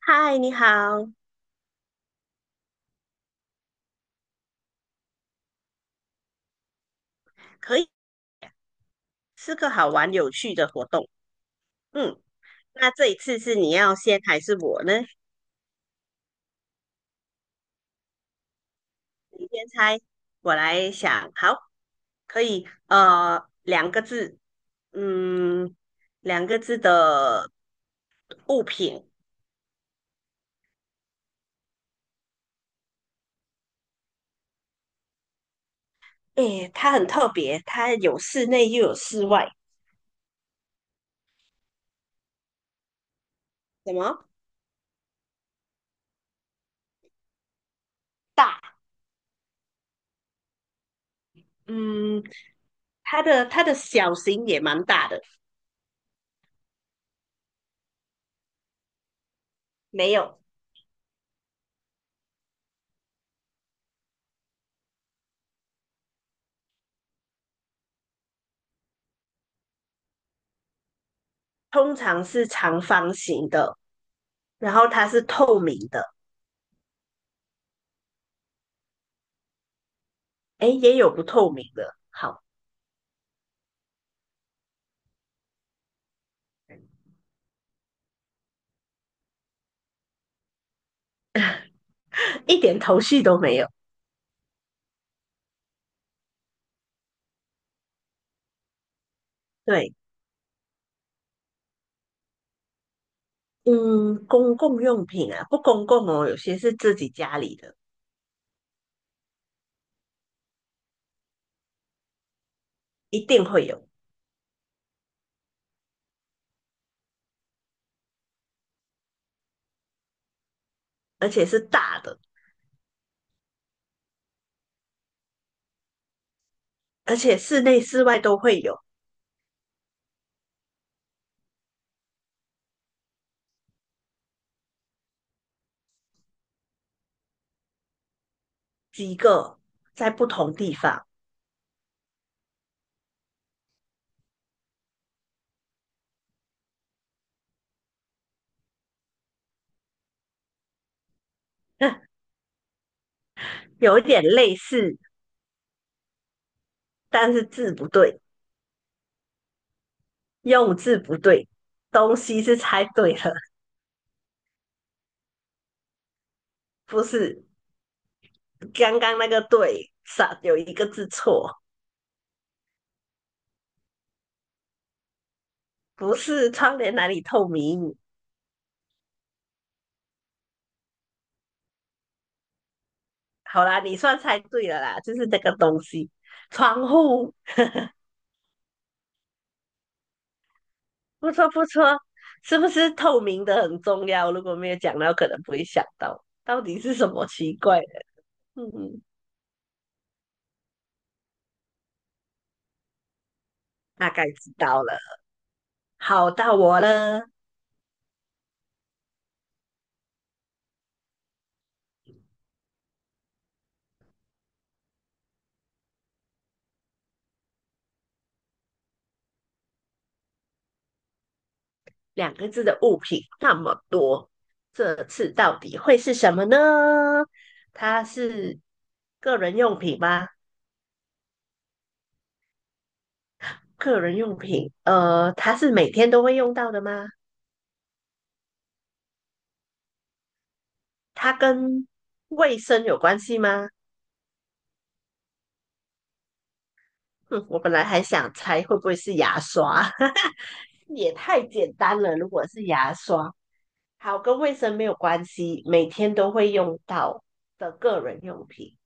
嗨，你好，可以是个好玩有趣的活动。嗯，那这一次是你要先还是我呢？你先猜，我来想。好，可以。两个字，嗯，两个字的物品。诶，它很特别，它有室内又有室外。什么？大。嗯，它的小型也蛮大的。没有，通常是长方形的，然后它是透明的。哎，也有不透明的，好，一点头绪都没有。对，嗯，公共用品啊，不公共哦，有些是自己家里的，一定会有，而且是大的，而且室内室外都会有几个，在不同地方，有一点类似，但是字不对，用字不对，东西是猜对了，不是刚刚那个对，少有一个字错，不是窗帘哪里透明，好啦，你算猜对了啦，就是这个东西，窗户，不错不错，是不是透明的很重要？如果没有讲到，可能不会想到到底是什么奇怪的。嗯，大概知道了。好，到我了，两个字的物品那么多，这次到底会是什么呢？它是个人用品吗？个人用品，它是每天都会用到的吗？它跟卫生有关系吗？哼，我本来还想猜会不会是牙刷，也太简单了。如果是牙刷，好，跟卫生没有关系，每天都会用到的个人用品，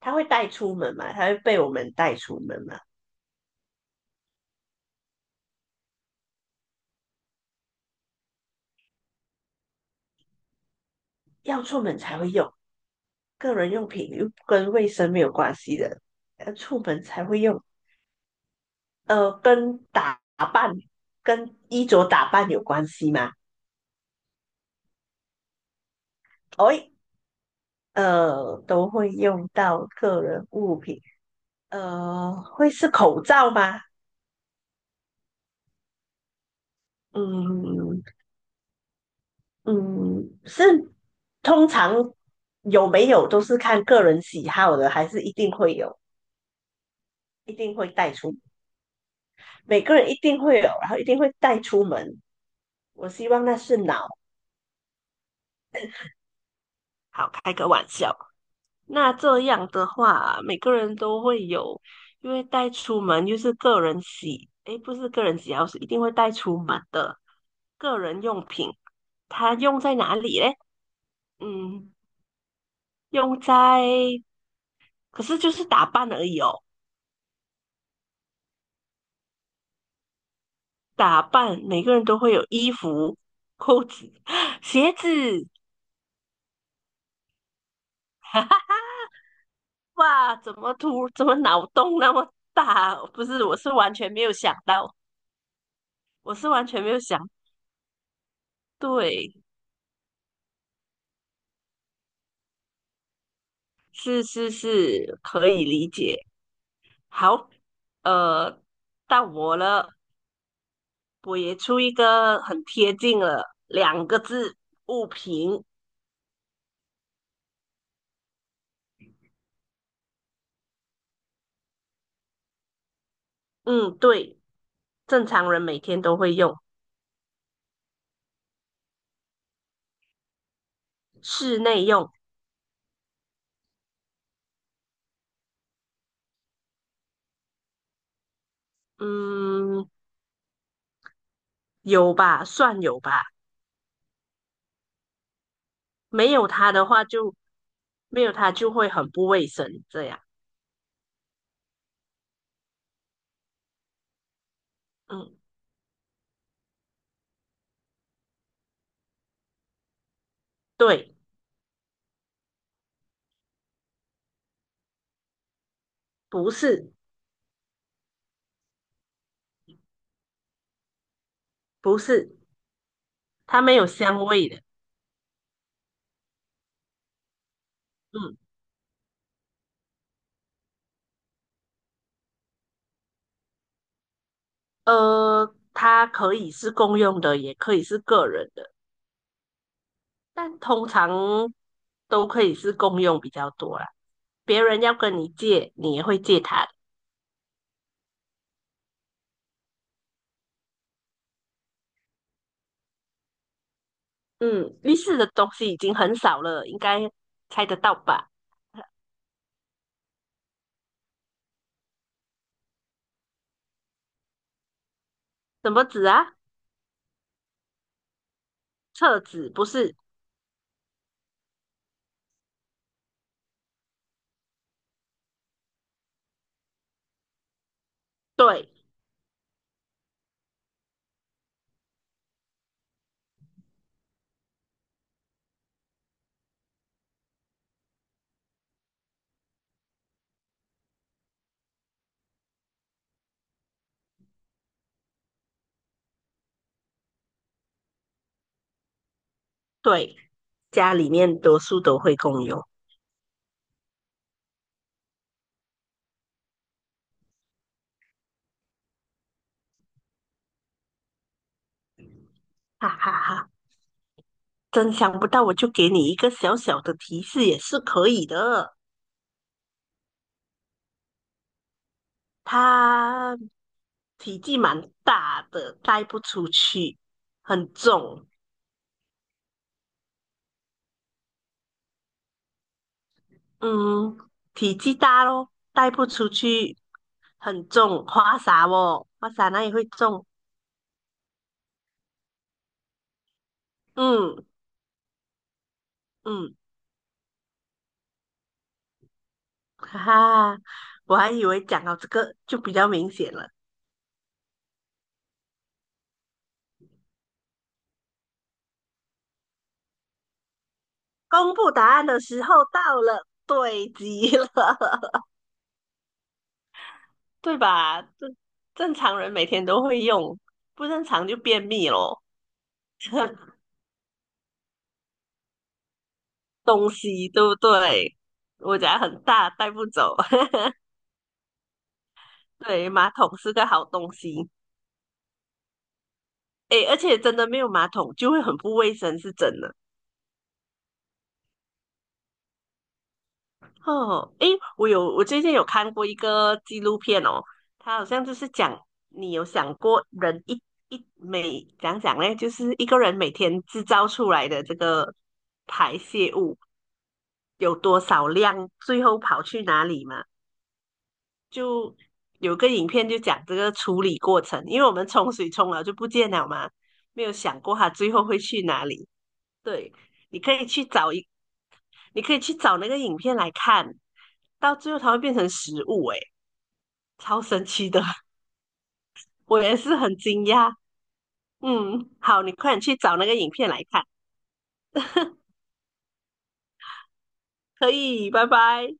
它会带出门嘛？它会被我们带出门嘛？要出门才会用，个人用品又跟卫生没有关系的，要出门才会用。跟打扮、跟衣着打扮有关系吗？哎，都会用到个人物品。呃，会是口罩吗？嗯嗯，是通常有没有都是看个人喜好的，还是一定会有，一定会带出，每个人一定会有，然后一定会带出门。我希望那是脑，好开个玩笑。那这样的话，每个人都会有，因为带出门又是个人喜，诶，不是个人喜好，是一定会带出门的个人用品，它用在哪里嘞？嗯，用在，可是就是打扮而已哦。打扮，每个人都会有衣服、裤子、鞋子。哇，怎么脑洞那么大？不是，我是完全没有想到，我是完全没有想。对，是是是，可以理解。好，呃，到我了，我也出一个很贴近了，两个字，物品。嗯，对，正常人每天都会用，室内用。嗯，有吧，算有吧。没有它的话就，没有它就会很不卫生。这样，嗯，对，不是，不是，它没有香味的。嗯，它可以是公用的，也可以是个人的，但通常都可以是公用比较多啦。别人要跟你借，你也会借他的。嗯，浴室的东西已经很少了，应该猜得到吧？什么纸啊？厕纸不是？对。对，家里面多数都会共用，哈哈哈！真想不到，我就给你一个小小的提示也是可以的。它体积蛮大的，带不出去，很重。嗯，体积大咯，带不出去，很重。花洒哦，花洒那也会重。嗯嗯，哈哈，我还以为讲到这个就比较明显了。公布答案的时候到了，对极了。对吧？正常人每天都会用，不正常就便秘咯。东西对不对？我家很大，带不走。对，马桶是个好东西。诶，而且真的没有马桶就会很不卫生，是真的。哦，诶，我有，我最近有看过一个纪录片哦，它好像就是讲，你有想过人一一每讲讲嘞，就是一个人每天制造出来的这个排泄物。有多少量，最后跑去哪里嘛？就有个影片就讲这个处理过程，因为我们冲水冲了就不见了嘛，没有想过它最后会去哪里。对，你可以去找一，你可以去找那个影片来看，到最后它会变成食物、欸诶，超神奇的，我也是很惊讶。嗯，好，你快点去找那个影片来看，可以，拜拜。